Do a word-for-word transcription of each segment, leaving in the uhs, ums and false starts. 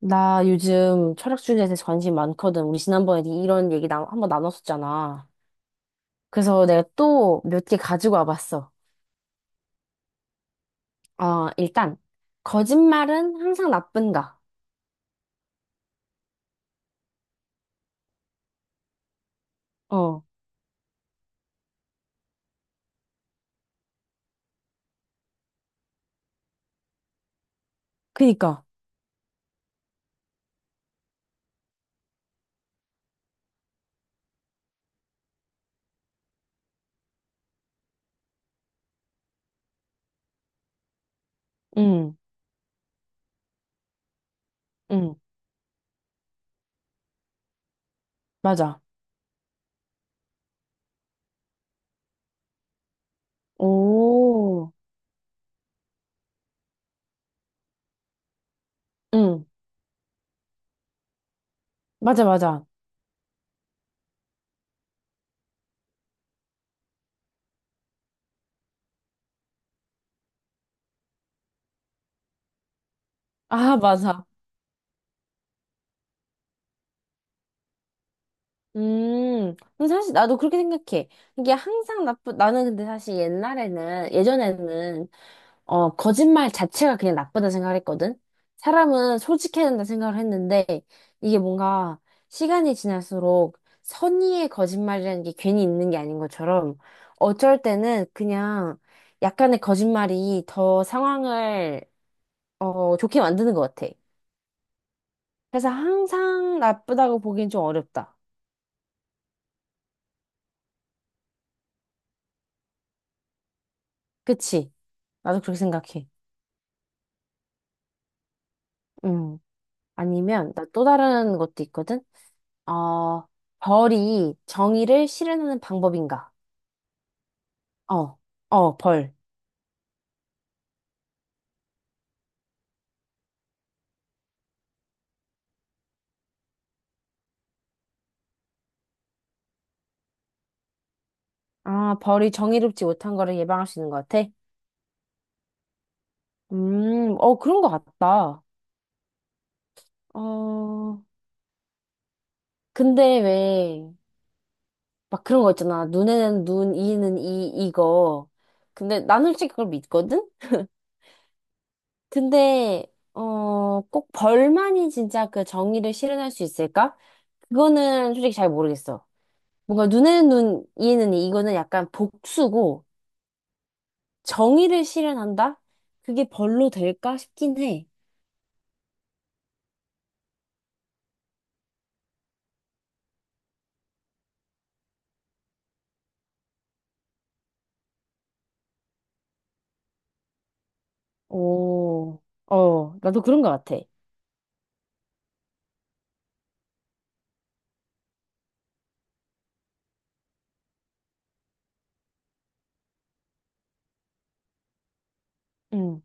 나 요즘 철학 주제에 대해서 관심 많거든. 우리 지난번에 이런 얘기 나, 한번 나눴었잖아. 그래서 내가 또 몇 개 가지고 와봤어. 어, 일단, 거짓말은 항상 나쁜가? 어, 그니까. 응, 응, 맞아. 오, 응, 맞아, 맞아. 아, 맞아. 음, 근데 사실 나도 그렇게 생각해. 이게 항상 나쁘, 나는 근데 사실 옛날에는, 예전에는, 어, 거짓말 자체가 그냥 나쁘다 생각을 했거든? 사람은 솔직해야 된다 생각을 했는데, 이게 뭔가 시간이 지날수록 선의의 거짓말이라는 게 괜히 있는 게 아닌 것처럼, 어쩔 때는 그냥 약간의 거짓말이 더 상황을, 어, 좋게 만드는 것 같아. 그래서 항상 나쁘다고 보기엔 좀 어렵다. 그치? 나도 그렇게 생각해. 음. 아니면 나 또 다른 것도 있거든. 어, 벌이 정의를 실현하는 방법인가? 어, 어, 벌. 아, 벌이 정의롭지 못한 거를 예방할 수 있는 것 같아. 음, 어, 그런 것 같다. 어, 근데 왜 막 그런 거 있잖아. 눈에는 눈, 이에는 이, 이거. 근데 나는 솔직히 그걸 믿거든. 근데 어, 꼭 벌만이 진짜 그 정의를 실현할 수 있을까? 그거는 솔직히 잘 모르겠어. 뭔가 눈에는 눈, 이에는 이. 이거는 약간 복수고 정의를 실현한다? 그게 벌로 될까 싶긴 해. 오, 어, 나도 그런 것 같아. 응,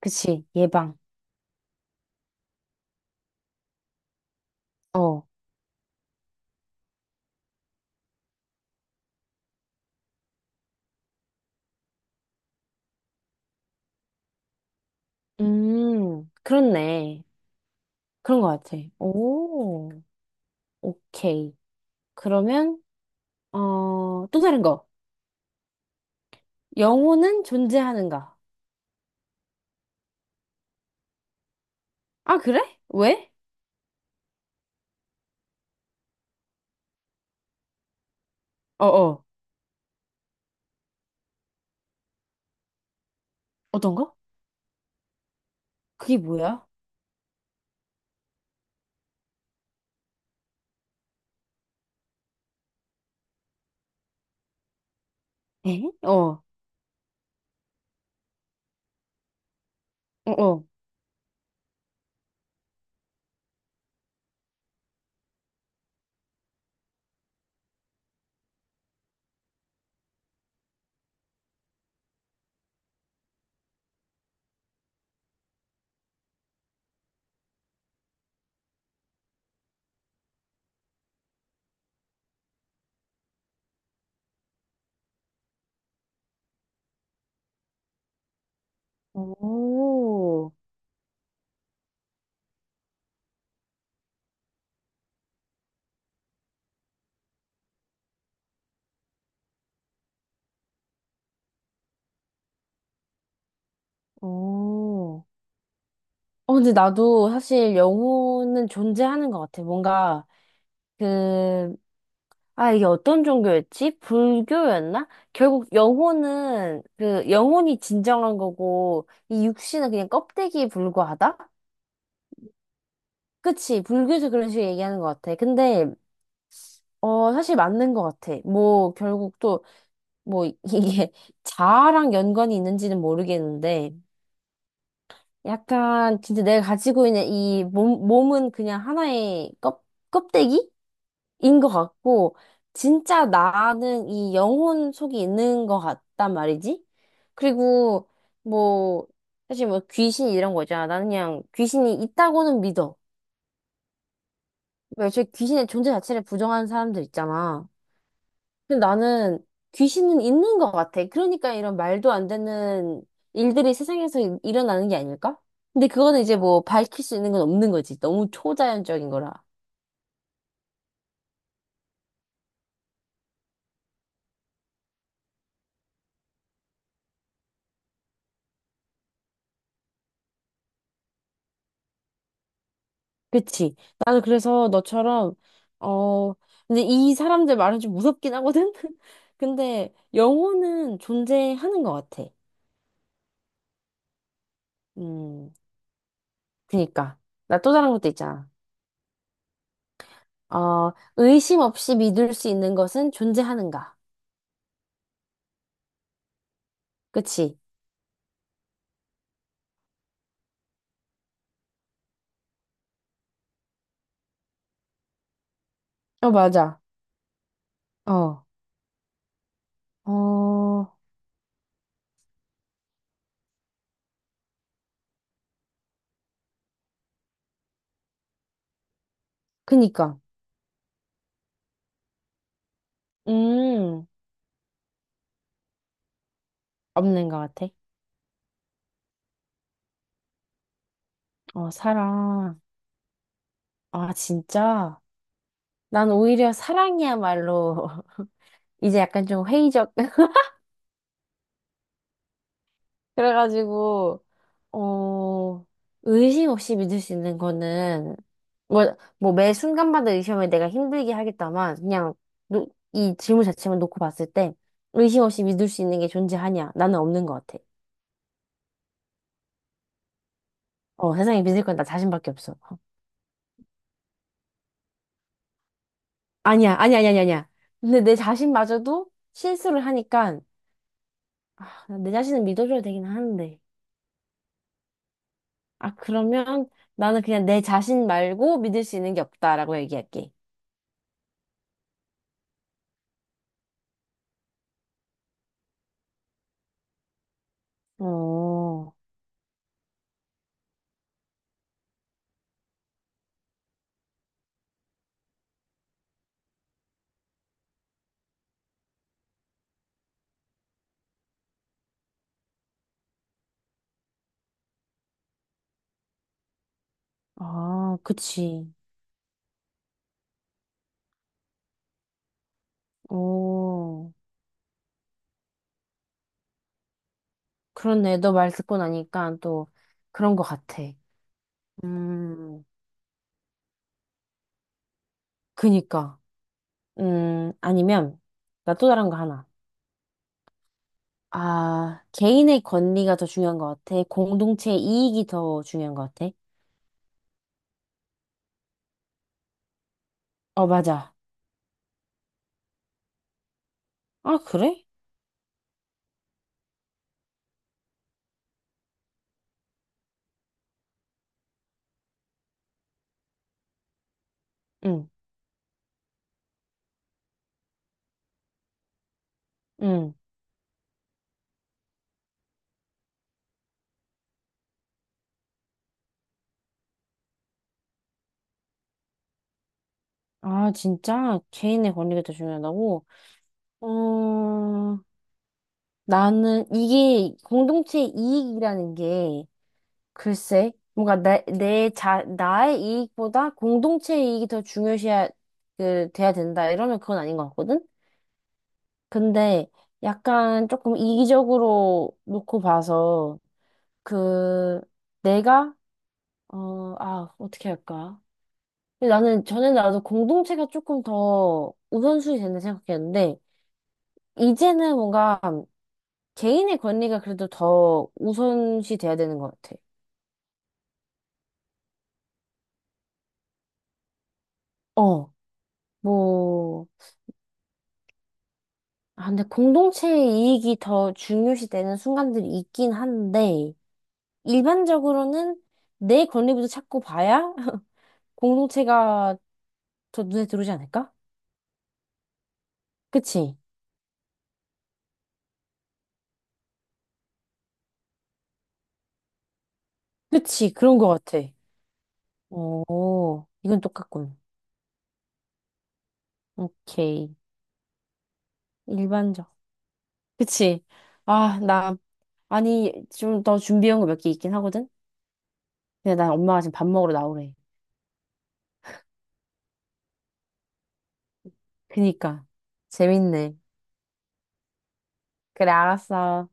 그치, 예방. 어, 음, 그렇네. 그런 것 같아. 오, 오케이. 그러면, 어, 또 다른 거. 영혼은 존재하는가? 아, 그래? 왜? 어, 어. 어떤 거? 그게 뭐야? 에? 어, 어, 어. 오, 오. 어, 근데 나도 사실 영혼은 존재하는 것 같아. 뭔가, 그, 아, 이게 어떤 종교였지? 불교였나? 결국 영혼은, 그, 영혼이 진정한 거고, 이 육신은 그냥 껍데기에 불과하다? 그치. 불교에서 그런 식으로 얘기하는 것 같아. 근데, 어, 사실 맞는 것 같아. 뭐, 결국 또, 뭐, 이- 이게 자아랑 연관이 있는지는 모르겠는데, 약간, 진짜 내가 가지고 있는 이 몸, 몸은 그냥 하나의 껍, 껍데기? 인 것 같고, 진짜 나는 이 영혼 속이 있는 것 같단 말이지? 그리고, 뭐, 사실 뭐 귀신 이런 거 있잖아. 나는 그냥 귀신이 있다고는 믿어. 왜 애초에 귀신의 존재 자체를 부정하는 사람들 있잖아. 근데 나는 귀신은 있는 것 같아. 그러니까 이런 말도 안 되는 일들이 세상에서 일- 일어나는 게 아닐까? 근데 그거는 이제 뭐 밝힐 수 있는 건 없는 거지. 너무 초자연적인 거라. 그치. 나는 그래서 너처럼, 어, 근데 이 사람들 말은 좀 무섭긴 하거든? 근데 영혼은 존재하는 것 같아. 음, 그니까. 나 또 다른 것도 있잖아. 어, 의심 없이 믿을 수 있는 것은 존재하는가. 그치? 어, 맞아. 어, 어, 그니까. 음, 없는 것 같아. 어, 사랑. 아, 진짜. 난 오히려 사랑이야말로 이제 약간 좀 회의적. 그래가지고, 어, 의심 없이 믿을 수 있는 거는, 뭐, 뭐, 매 순간마다 의심을 내가 힘들게 하겠다만, 그냥, 노, 이 질문 자체만 놓고 봤을 때, 의심 없이 믿을 수 있는 게 존재하냐? 나는 없는 것 같아. 어, 세상에 믿을 건 나 자신밖에 없어. 어, 아니야, 아니야, 아니야, 아니야. 아니야. 근데 내 자신마저도 실수를 하니까, 아, 내 자신은 믿어줘야 되긴 하는데. 아, 그러면 나는 그냥 내 자신 말고 믿을 수 있는 게 없다라고 얘기할게. 어. 아, 그치. 오, 그렇네. 너 말 듣고 나니까 또 그런 것 같아. 음, 그니까. 음, 아니면, 나 또 다른 거 하나. 아, 개인의 권리가 더 중요한 것 같아. 공동체의 이익이 더 중요한 것 같아. 어, 맞아. 아, 그래? 응, 응. 아, 진짜? 개인의 권리가 더 중요하다고? 어, 나는 이게 공동체의 이익이라는 게 글쎄, 뭔가 나, 내 자, 나의 이익보다 공동체의 이익이 더 중요시해야, 그, 돼야 된다. 이러면 그건 아닌 것 같거든? 근데 약간 조금 이기적으로 놓고 봐서, 그, 내가, 어, 아, 어떻게 할까? 근데 나는, 전에 나도 공동체가 조금 더 우선순위 된다 생각했는데, 이제는 뭔가 개인의 권리가 그래도 더 우선시 돼야 되는 것 같아. 어, 뭐, 아, 근데 공동체의 이익이 더 중요시 되는 순간들이 있긴 한데, 일반적으로는 내 권리부터 찾고 봐야 공동체가 더 눈에 들어오지 않을까? 그치? 그치, 그런 것 같아. 오, 이건 똑같군. 오케이. 일반적. 그치? 아, 나, 아니, 좀 더 준비한 거 몇 개 있긴 하거든? 근데 난 엄마가 지금 밥 먹으러 나오래. 그니까. 재밌네. 그래, 알았어.